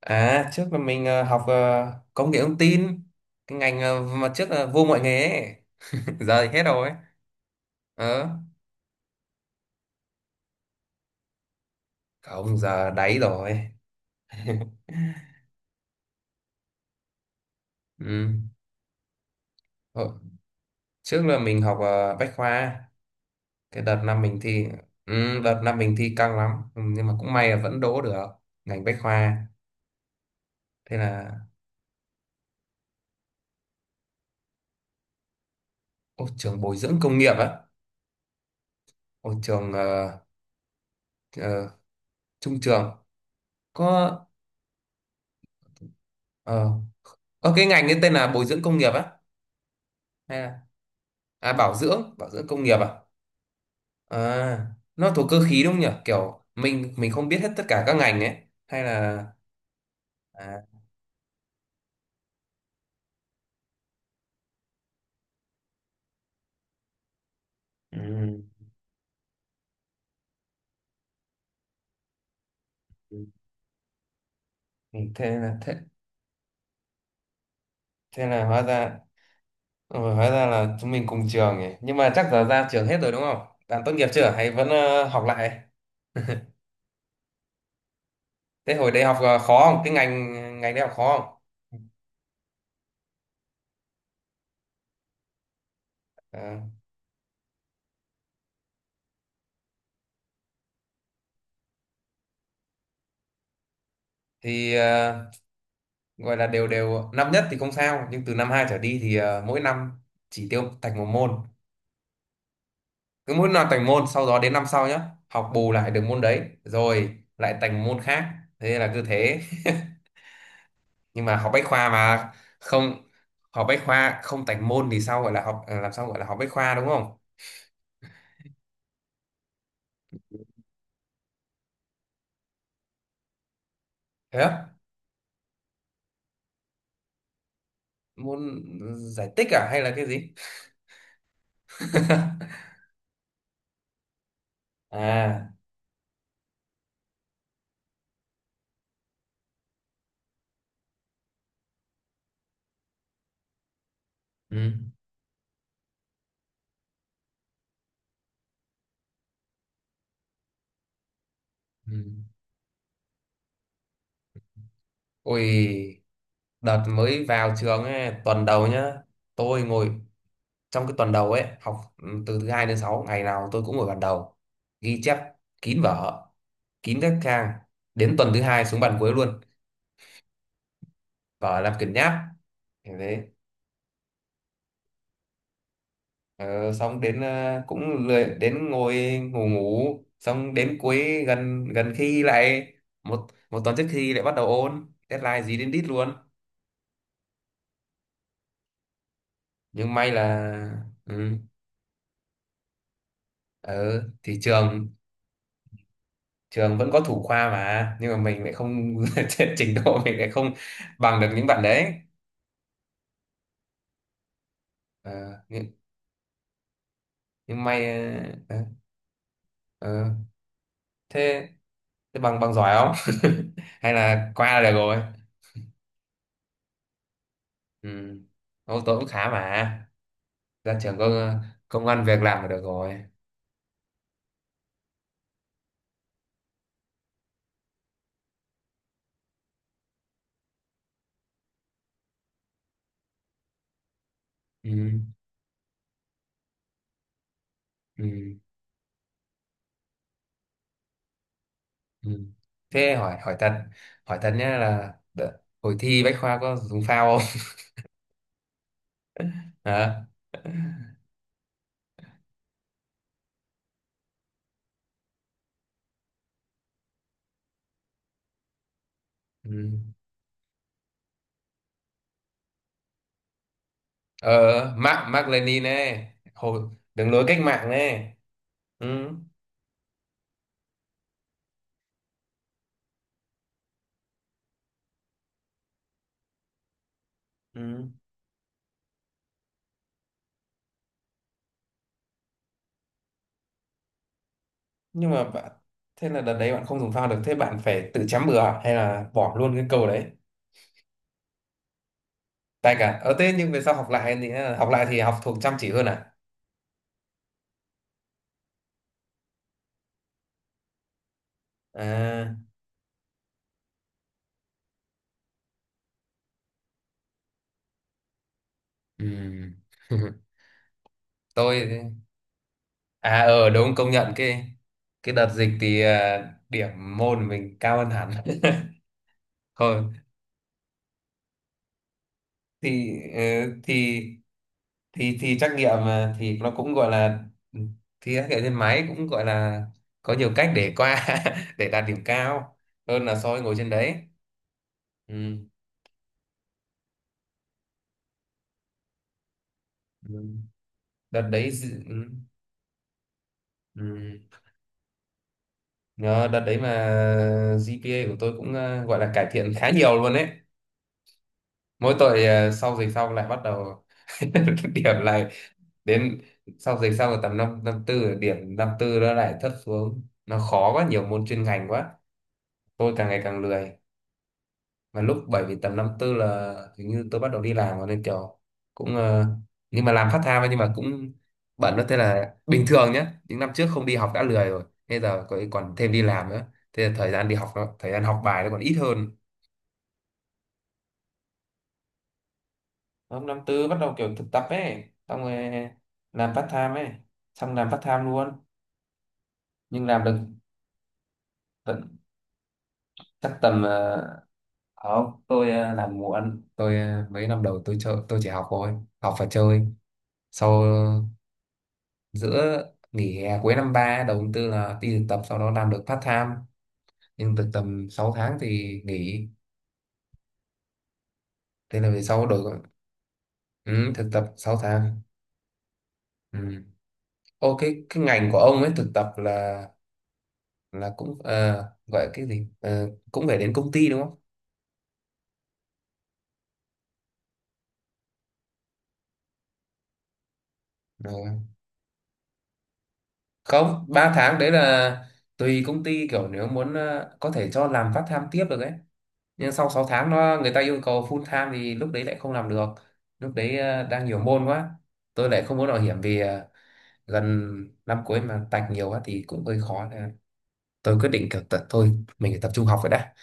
À, trước là mình học công nghệ thông tin, cái ngành mà trước là vô mọi nghề ấy. Giờ thì hết rồi ấy. Ờ, không, giờ đáy rồi. Ừ. Ờ, trước là mình học Bách Khoa, cái đợt năm mình thi, ừ, đợt năm mình thi căng lắm, ừ, nhưng mà cũng may là vẫn đỗ được ngành Bách Khoa. Thế là, ô, trường bồi dưỡng công nghiệp á, ô, trường ờ, trung trường, có, ờ, cái ngành ấy tên là bồi dưỡng công nghiệp á, hay là, à, bảo dưỡng công nghiệp à? À, nó thuộc cơ khí đúng không nhỉ? Kiểu mình không biết hết tất cả các ngành ấy hay là à, ừ, ừ, thế là hóa ra là chúng mình cùng trường ấy. Nhưng mà chắc giờ ra trường hết rồi đúng không? Bạn tốt nghiệp chưa hay vẫn học lại? Thế hồi đại học khó không? Cái ngành Ngành đại học khó không? Ờ, thì gọi là đều đều năm nhất thì không sao, nhưng từ năm hai trở đi thì mỗi năm chỉ tiêu thành một môn, cứ mỗi năm tành môn, sau đó đến năm sau nhá học bù lại được môn đấy rồi lại tành môn khác, thế là cứ thế. Nhưng mà học bách khoa mà không, học bách khoa không tành môn thì sao gọi là học, à, làm sao gọi là học bách khoa đúng không? Thế á, môn giải tích à hay là cái gì? À, ừ. Ừ. Ôi, đợt mới vào trường ấy, tuần đầu nhá, tôi ngồi trong cái tuần đầu ấy học, ừ, từ thứ hai đến 6 ngày nào tôi cũng ngồi bàn đầu, ghi chép kín vở, kín các trang, đến tuần thứ hai xuống bàn cuối luôn, vở làm quyển nháp, thế đấy. Ờ, Xong đến cũng lười đến ngồi ngủ, ngủ xong đến cuối gần, khi lại một một tuần trước khi lại bắt đầu ôn, deadline gì đến đít luôn. Nhưng may là ừ, ờ, thì trường trường vẫn có thủ khoa mà, nhưng mà mình lại không trình độ mình lại không bằng được những bạn đấy. Ờ, nhưng, nhưng may ờ. thế thế bằng bằng giỏi không, hay là qua là được rồi? Ừ. Ô, tôi cũng khá mà, ra trường có công ăn việc làm là được rồi. Ừ. Ừ. Ừ. Thế hỏi hỏi thật, hỏi thật nhá là đợ- hồi thi Bách Khoa có dùng phao không? Hả? Ừ. Ờ, Mark Mark Lenin này, hồi đường lối cách mạng này. Ừ. Ừ. nhưng mà bạn Thế là đợt đấy bạn không dùng phao được, thế bạn phải tự chấm bừa à? Hay là bỏ luôn cái câu đấy, tay cả ở thế? Nhưng về sau học lại thì học lại thì học thuộc chăm chỉ hơn à? À, ừ. Tôi đúng công nhận, cái đợt dịch thì à, điểm môn mình cao hơn hẳn. Thôi thì thì trắc nghiệm mà, thì nó cũng gọi là, thì trắc nghiệm trên máy, cũng gọi là có nhiều cách để qua để đạt điểm cao hơn là so với ngồi trên đấy. Ừ. Ừ. Ừ. Ừ. Nhờ đợt đấy mà GPA của tôi cũng gọi là cải thiện khá nhiều luôn đấy. Mỗi tội sau dịch xong lại bắt đầu điểm lại. Đến sau dịch xong rồi tầm năm năm tư, điểm năm tư nó lại thấp xuống, nó khó quá, nhiều môn chuyên ngành quá. Tôi càng ngày càng lười, mà lúc bởi vì tầm năm tư là hình như tôi bắt đầu đi làm rồi nên kiểu cũng nhưng mà làm part time ấy, nhưng mà cũng bận đó. Thế là bình thường nhá, những năm trước không đi học đã lười rồi, bây giờ còn thêm đi làm nữa, thế là thời gian đi học nó, thời gian học bài nó còn ít hơn. Hôm năm tư bắt đầu kiểu thực tập ấy, xong rồi làm part time ấy, xong làm part time luôn. Nhưng làm được tận chắc tầm không, tôi làm muộn, tôi mấy năm đầu tôi chơi, tôi chỉ học thôi, học và chơi. Sau giữa Nghỉ hè cuối năm 3 đầu tháng 4 là đi thực tập, sau đó làm được part time. Nhưng thực tập 6 tháng thì nghỉ, thế là về sau đổi. Ừ, thực tập 6 tháng. Ừ. Ô, cái ngành của ông ấy thực tập là, cũng gọi cái gì, ờ, cũng phải đến công ty đúng không? Ờ. Không, 3 tháng đấy là tùy công ty, kiểu nếu muốn có thể cho làm part time tiếp được ấy. Nhưng sau 6 tháng nó người ta yêu cầu full time thì lúc đấy lại không làm được, lúc đấy đang nhiều môn quá, tôi lại không muốn bảo hiểm vì gần năm cuối mà tạch nhiều quá thì cũng hơi khó, nên là tôi quyết định kiểu tật thôi, mình phải tập trung học rồi đã.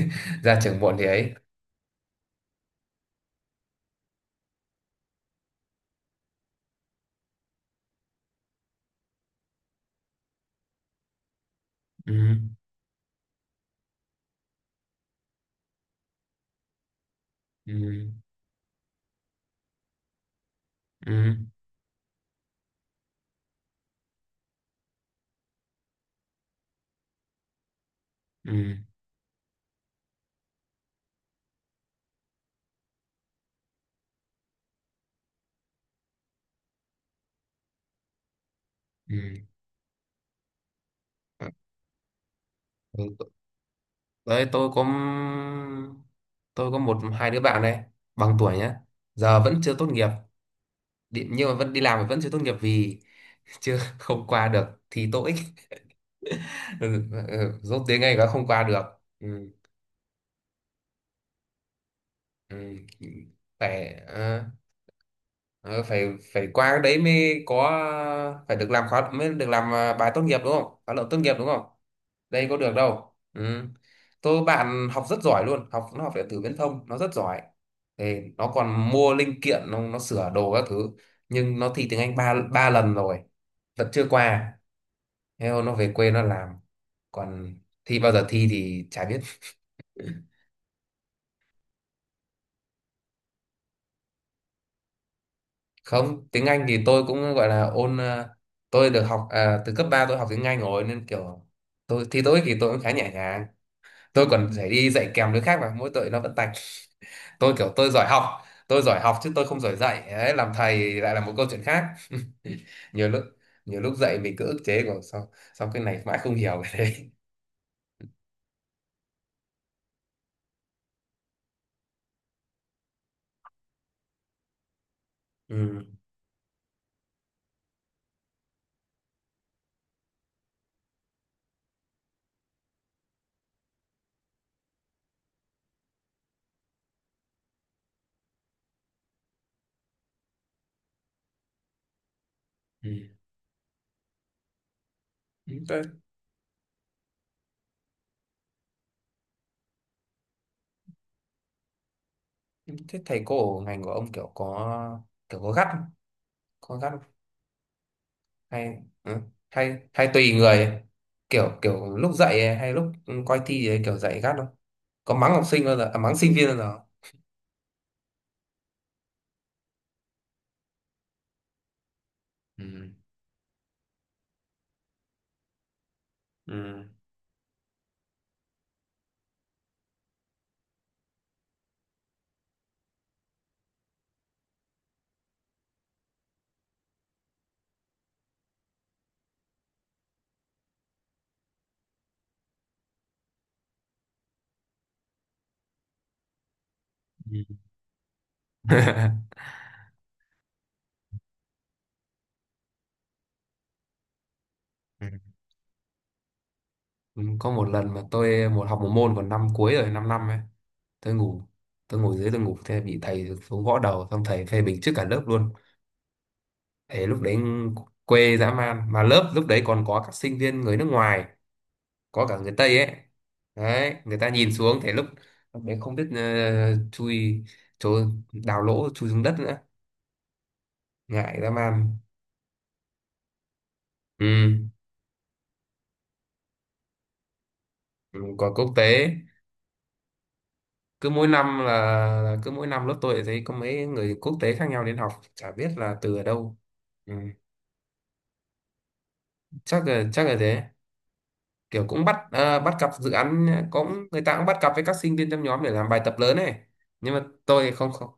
Ra trường muộn thì ấy. Ừ, ừ, ừ, ừ, ừ. Ừ, đấy, tôi có một hai đứa bạn này, bằng tuổi nhá, giờ vẫn chưa tốt nghiệp, nhưng mà vẫn đi làm mà vẫn chưa tốt nghiệp vì chưa không qua được thi TOEIC. Ừ, ừ, dốt tiếng Anh đã không qua được. Ừ, ừ, phải ờ, phải phải qua cái đấy mới có, phải được làm khóa mới được làm à, bài tốt nghiệp đúng không? Khóa luận tốt nghiệp đúng không? Đây có được đâu. Ừ. Tôi bạn học rất giỏi luôn, nó học điện tử viễn thông, nó rất giỏi thì nó còn mua linh kiện, nó sửa đồ các thứ. Nhưng nó thi tiếng Anh ba 3 lần rồi vẫn chưa qua. Thế thôi nó về quê nó làm, còn thi bao giờ thi thì chả biết. Không, tiếng Anh thì tôi cũng gọi là ôn tôi được học à, từ cấp 3 tôi học tiếng Anh rồi nên kiểu tôi thi TOEIC thì tôi cũng khá nhẹ nhàng, tôi còn phải đi dạy kèm đứa khác mà mỗi tội nó vẫn tạch. Tôi giỏi học, chứ tôi không giỏi dạy. Đấy, làm thầy lại là một câu chuyện khác. nhiều lúc Nhiều lúc dạy mình cứ ức chế, của sao sao cái này mãi không hiểu cái đấy. Ừ. Ừ. Thế, Thế thầy cô ở ngành của ông kiểu có gắt không? Có gắt, hay ừ, hay hay tùy người, kiểu kiểu lúc dạy hay lúc coi thi thì kiểu dạy gắt không? Có mắng học sinh bao giờ, à, mắng sinh viên bao giờ không? Ừ. Ừ. Ừ. Ừ. Ừ, có một lần mà tôi học một môn còn năm cuối rồi, 5 năm năm ấy, tôi ngủ tôi ngồi dưới tôi ngủ, thế bị thầy xuống gõ đầu, xong thầy phê bình trước cả lớp luôn. Thế lúc đấy quê dã man, mà lớp lúc đấy còn có các sinh viên người nước ngoài, có cả người Tây ấy. Đấy, người ta nhìn xuống, thế lúc lúc đấy không biết chui chỗ, đào lỗ chui xuống đất nữa, ngại dã man. Ừ. Ừ, còn quốc tế. cứ mỗi năm là, Cứ mỗi năm lớp tôi lại thấy có mấy người quốc tế khác nhau đến học, chả biết là từ ở đâu. Ừ. Chắc là thế, kiểu cũng bắt bắt cặp dự án, cũng người ta cũng bắt cặp với các sinh viên trong nhóm để làm bài tập lớn này. Nhưng mà tôi thì không, không.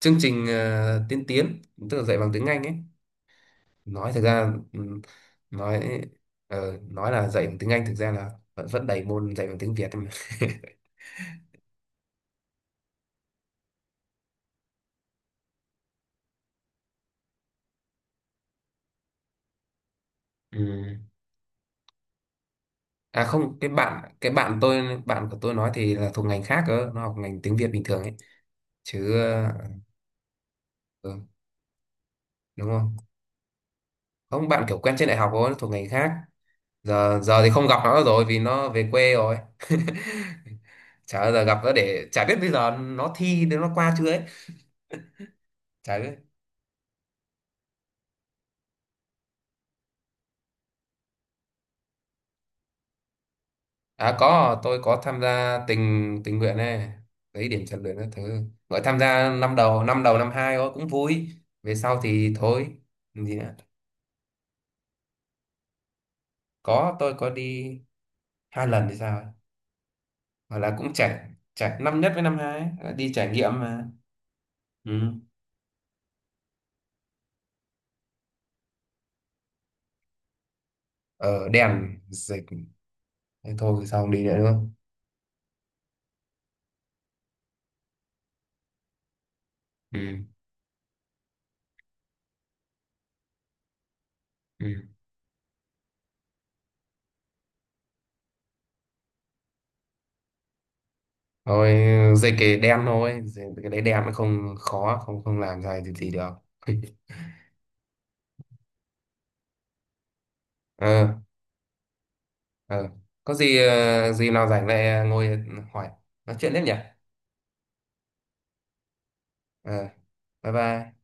Chương trình tiên tiến, tức là dạy bằng tiếng Anh ấy. Nói thực ra nói ờ, Nói là dạy bằng tiếng Anh, thực ra là vẫn vẫn đầy môn dạy bằng tiếng Việt mà. Ừm. À không, cái bạn tôi, bạn của tôi nói thì là thuộc ngành khác cơ, nó học ngành tiếng Việt bình thường ấy chứ. Ờ, ừ, Đúng không? Không, bạn kiểu quen trên đại học thôi, nó thuộc ngành khác. Giờ Giờ thì không gặp nó rồi, vì nó về quê rồi, chả bao giờ gặp nó để, chả biết bây giờ nó thi đến nó qua chưa ấy, chả biết. À có, tôi có tham gia tình tình nguyện này, lấy điểm rèn luyện các thứ. Mới tham gia năm đầu, năm hai thôi, cũng vui. Về sau thì thôi, làm gì nữa. Có, tôi có đi 2 lần thì sao ấy. Gọi là cũng chạy, chạy năm nhất với năm hai, ấy, đi trải nghiệm mà. Ừ. Ở đèn dịch, thế thôi sao không đi nữa đúng không? Ừ. Ừ. Thôi dịch cái đen thôi, dịch cái đấy đen nó không khó, không không làm ra gì, gì được. Ờ. Ờ, có gì gì nào rảnh lại ngồi hỏi, nói chuyện tiếp nhỉ? Ờ, bye bye.